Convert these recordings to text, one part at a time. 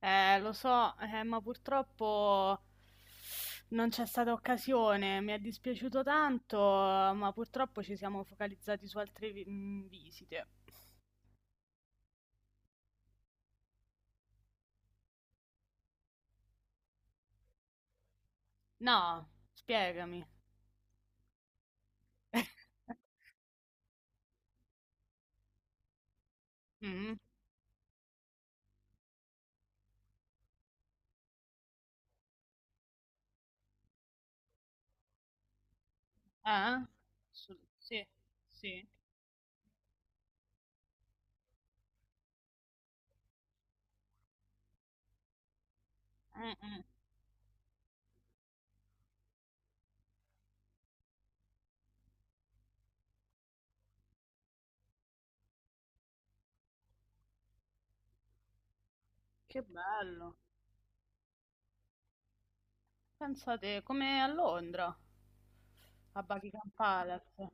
Lo so, ma purtroppo non c'è stata occasione. Mi è dispiaciuto tanto, ma purtroppo ci siamo focalizzati su altre visite. No, spiegami. Mm, eh? Sì, sì. Mm, mm. Che bello. Pensate, come a Londra, a Buckingham Palace.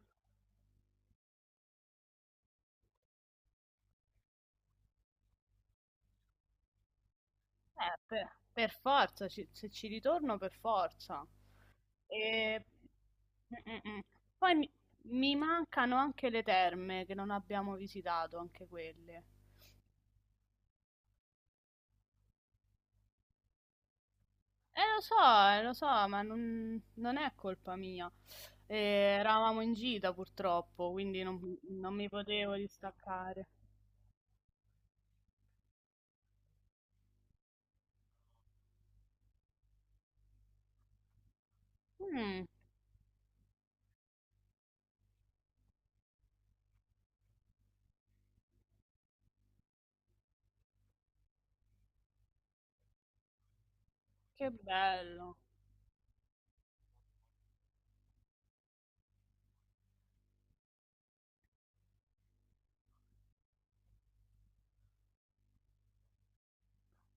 Per forza, se ci ritorno per forza. E... mm, mm, mm. Poi mi mancano anche le terme che non abbiamo visitato, anche quelle. Lo so, ma non è colpa mia. Eh, eravamo in gita purtroppo, quindi non mi potevo distaccare. Mm, che bello.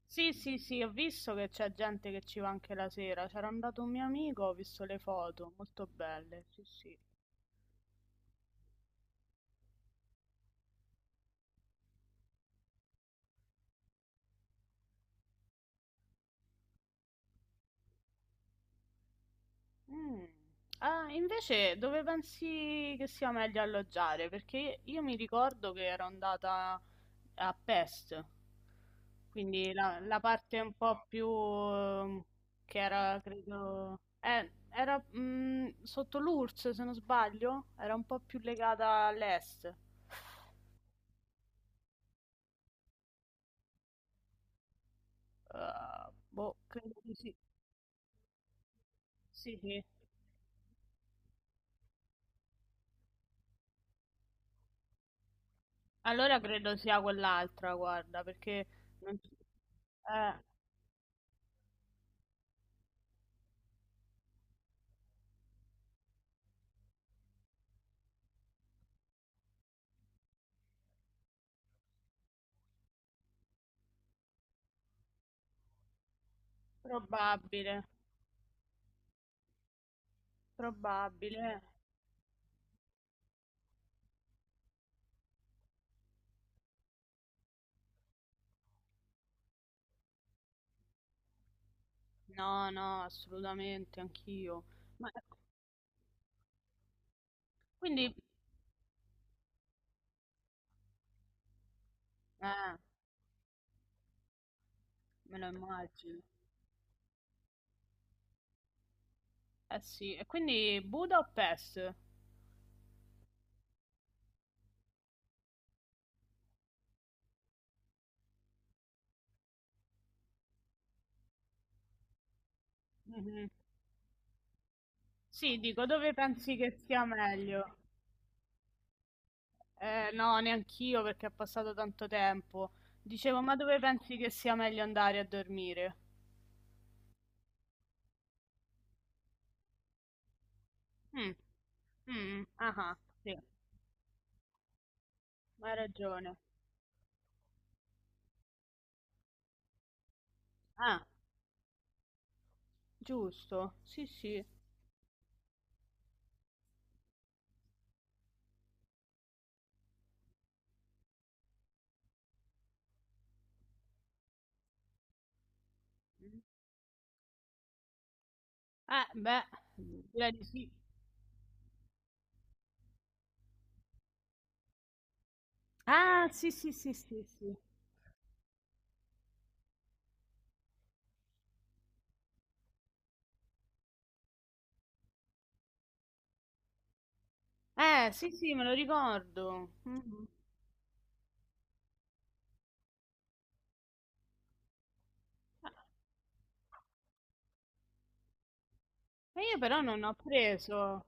Sì, sì, sì, ho visto che c'è gente che ci va anche la sera. C'era andato un mio amico, ho visto le foto, molto belle. Sì, sì. Mm. Ah, invece dove pensi che sia meglio alloggiare? Perché io mi ricordo che ero andata a Pest, quindi la parte un po' più che era, credo, era sotto l'URSS, se non sbaglio, era un po' più legata all'est. Boh, credo di sì. Sì, sì. Allora credo sia quell'altra, guarda, perché non... eh, probabile. Probabile. No, no, assolutamente, anch'io. Ma ecco, quindi, eh, me lo immagino. Eh sì, e quindi Budapest? Mhm. Sì, dico, dove pensi che sia meglio? No, neanch'io perché è passato tanto tempo. Dicevo, ma dove pensi che sia meglio andare a dormire? Mm, mm, ah, ah, sì, hai ragione. Ah, giusto, sì, sì. Beh, direi di sì. Ah, sì, sì, sì, sì, sì. Sì, sì, me lo ricordo. Mhm. E io però non ho preso.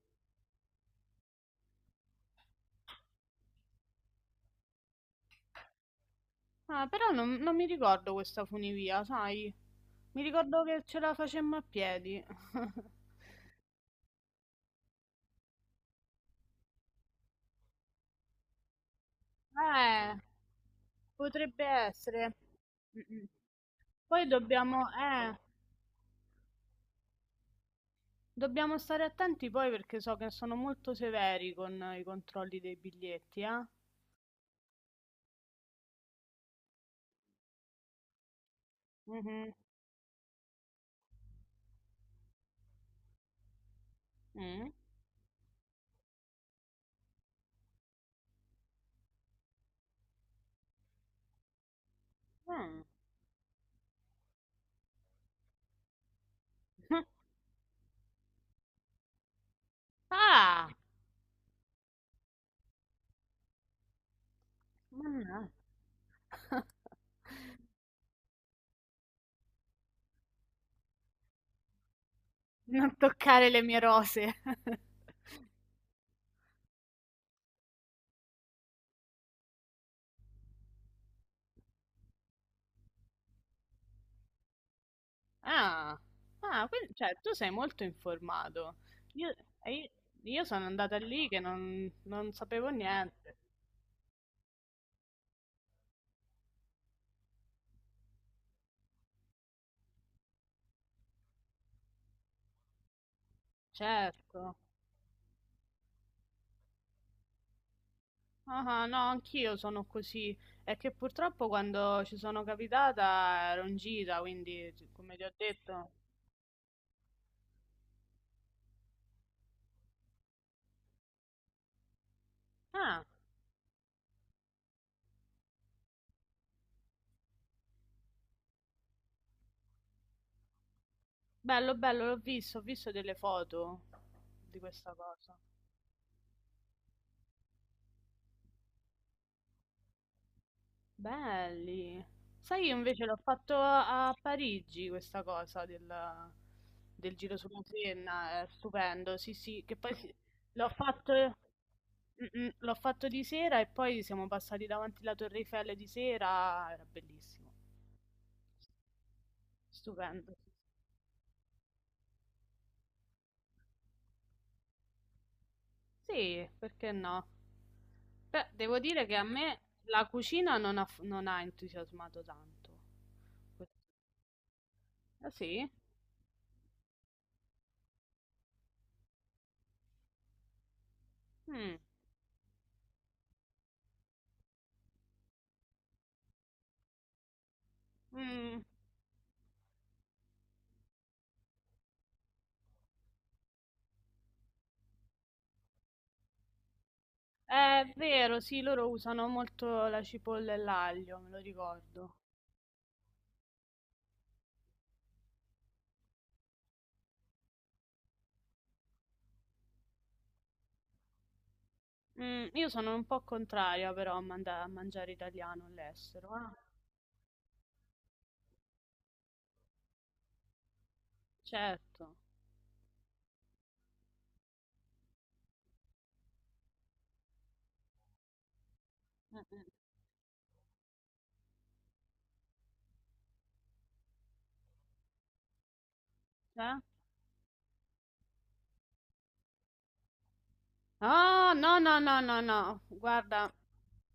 Ah, però non mi ricordo questa funivia, sai? Mi ricordo che ce la facemmo a piedi. Eh, potrebbe essere. Mm, mm. Poi dobbiamo stare attenti poi perché so che sono molto severi con i controlli dei biglietti, eh? Mhm. Mm. Mm. Ah! Mannà. Non toccare le mie rose. Ah, ah, quindi, cioè, tu sei molto informato. Io, e io- io sono andata lì che non sapevo niente. Certo. Ah, ah, no, anch'io sono così. È che purtroppo quando ci sono capitata ero in gita, quindi, come ti ho detto. Ah, bello, bello, l'ho visto, ho visto delle foto di questa cosa. Belli. Sai, io invece l'ho fatto a Parigi questa cosa del giro sulla Senna, è stupendo. Sì, sì, che poi l'ho fatto, l'ho fatto di sera e poi siamo passati davanti alla Torre Eiffel di sera, era bellissimo, stupendo. Sì, perché no? Beh, devo dire che a me la cucina non ha entusiasmato tanto. Ah sì? Mm, mm. È vero, sì, loro usano molto la cipolla e l'aglio, me lo ricordo. Mm, io sono un po' contraria però a mangiare italiano all'estero. Ah, certo. Mm, mm. Eh? Ah, no, no, no, no, no, guarda,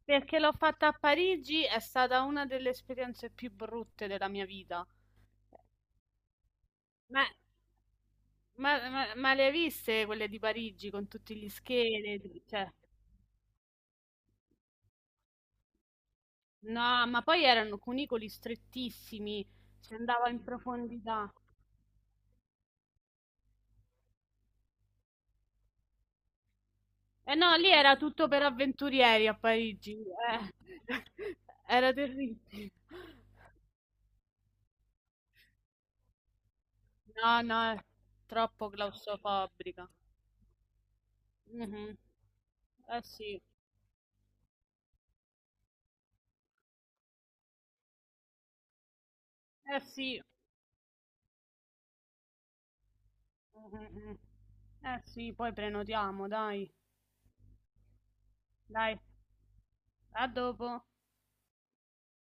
perché l'ho fatta a Parigi è stata una delle esperienze più brutte della mia vita. Ma, ma le hai viste quelle di Parigi con tutti gli scheletri? Cioè. No, ma poi erano cunicoli strettissimi, si andava in profondità. Eh no, lì era tutto per avventurieri a Parigi, eh. Era terribile. No, no, è troppo claustrofobica. Mhm. Eh sì, eh sì. Mm, mm, mm. Eh sì, poi prenotiamo, dai. Dai, a dopo.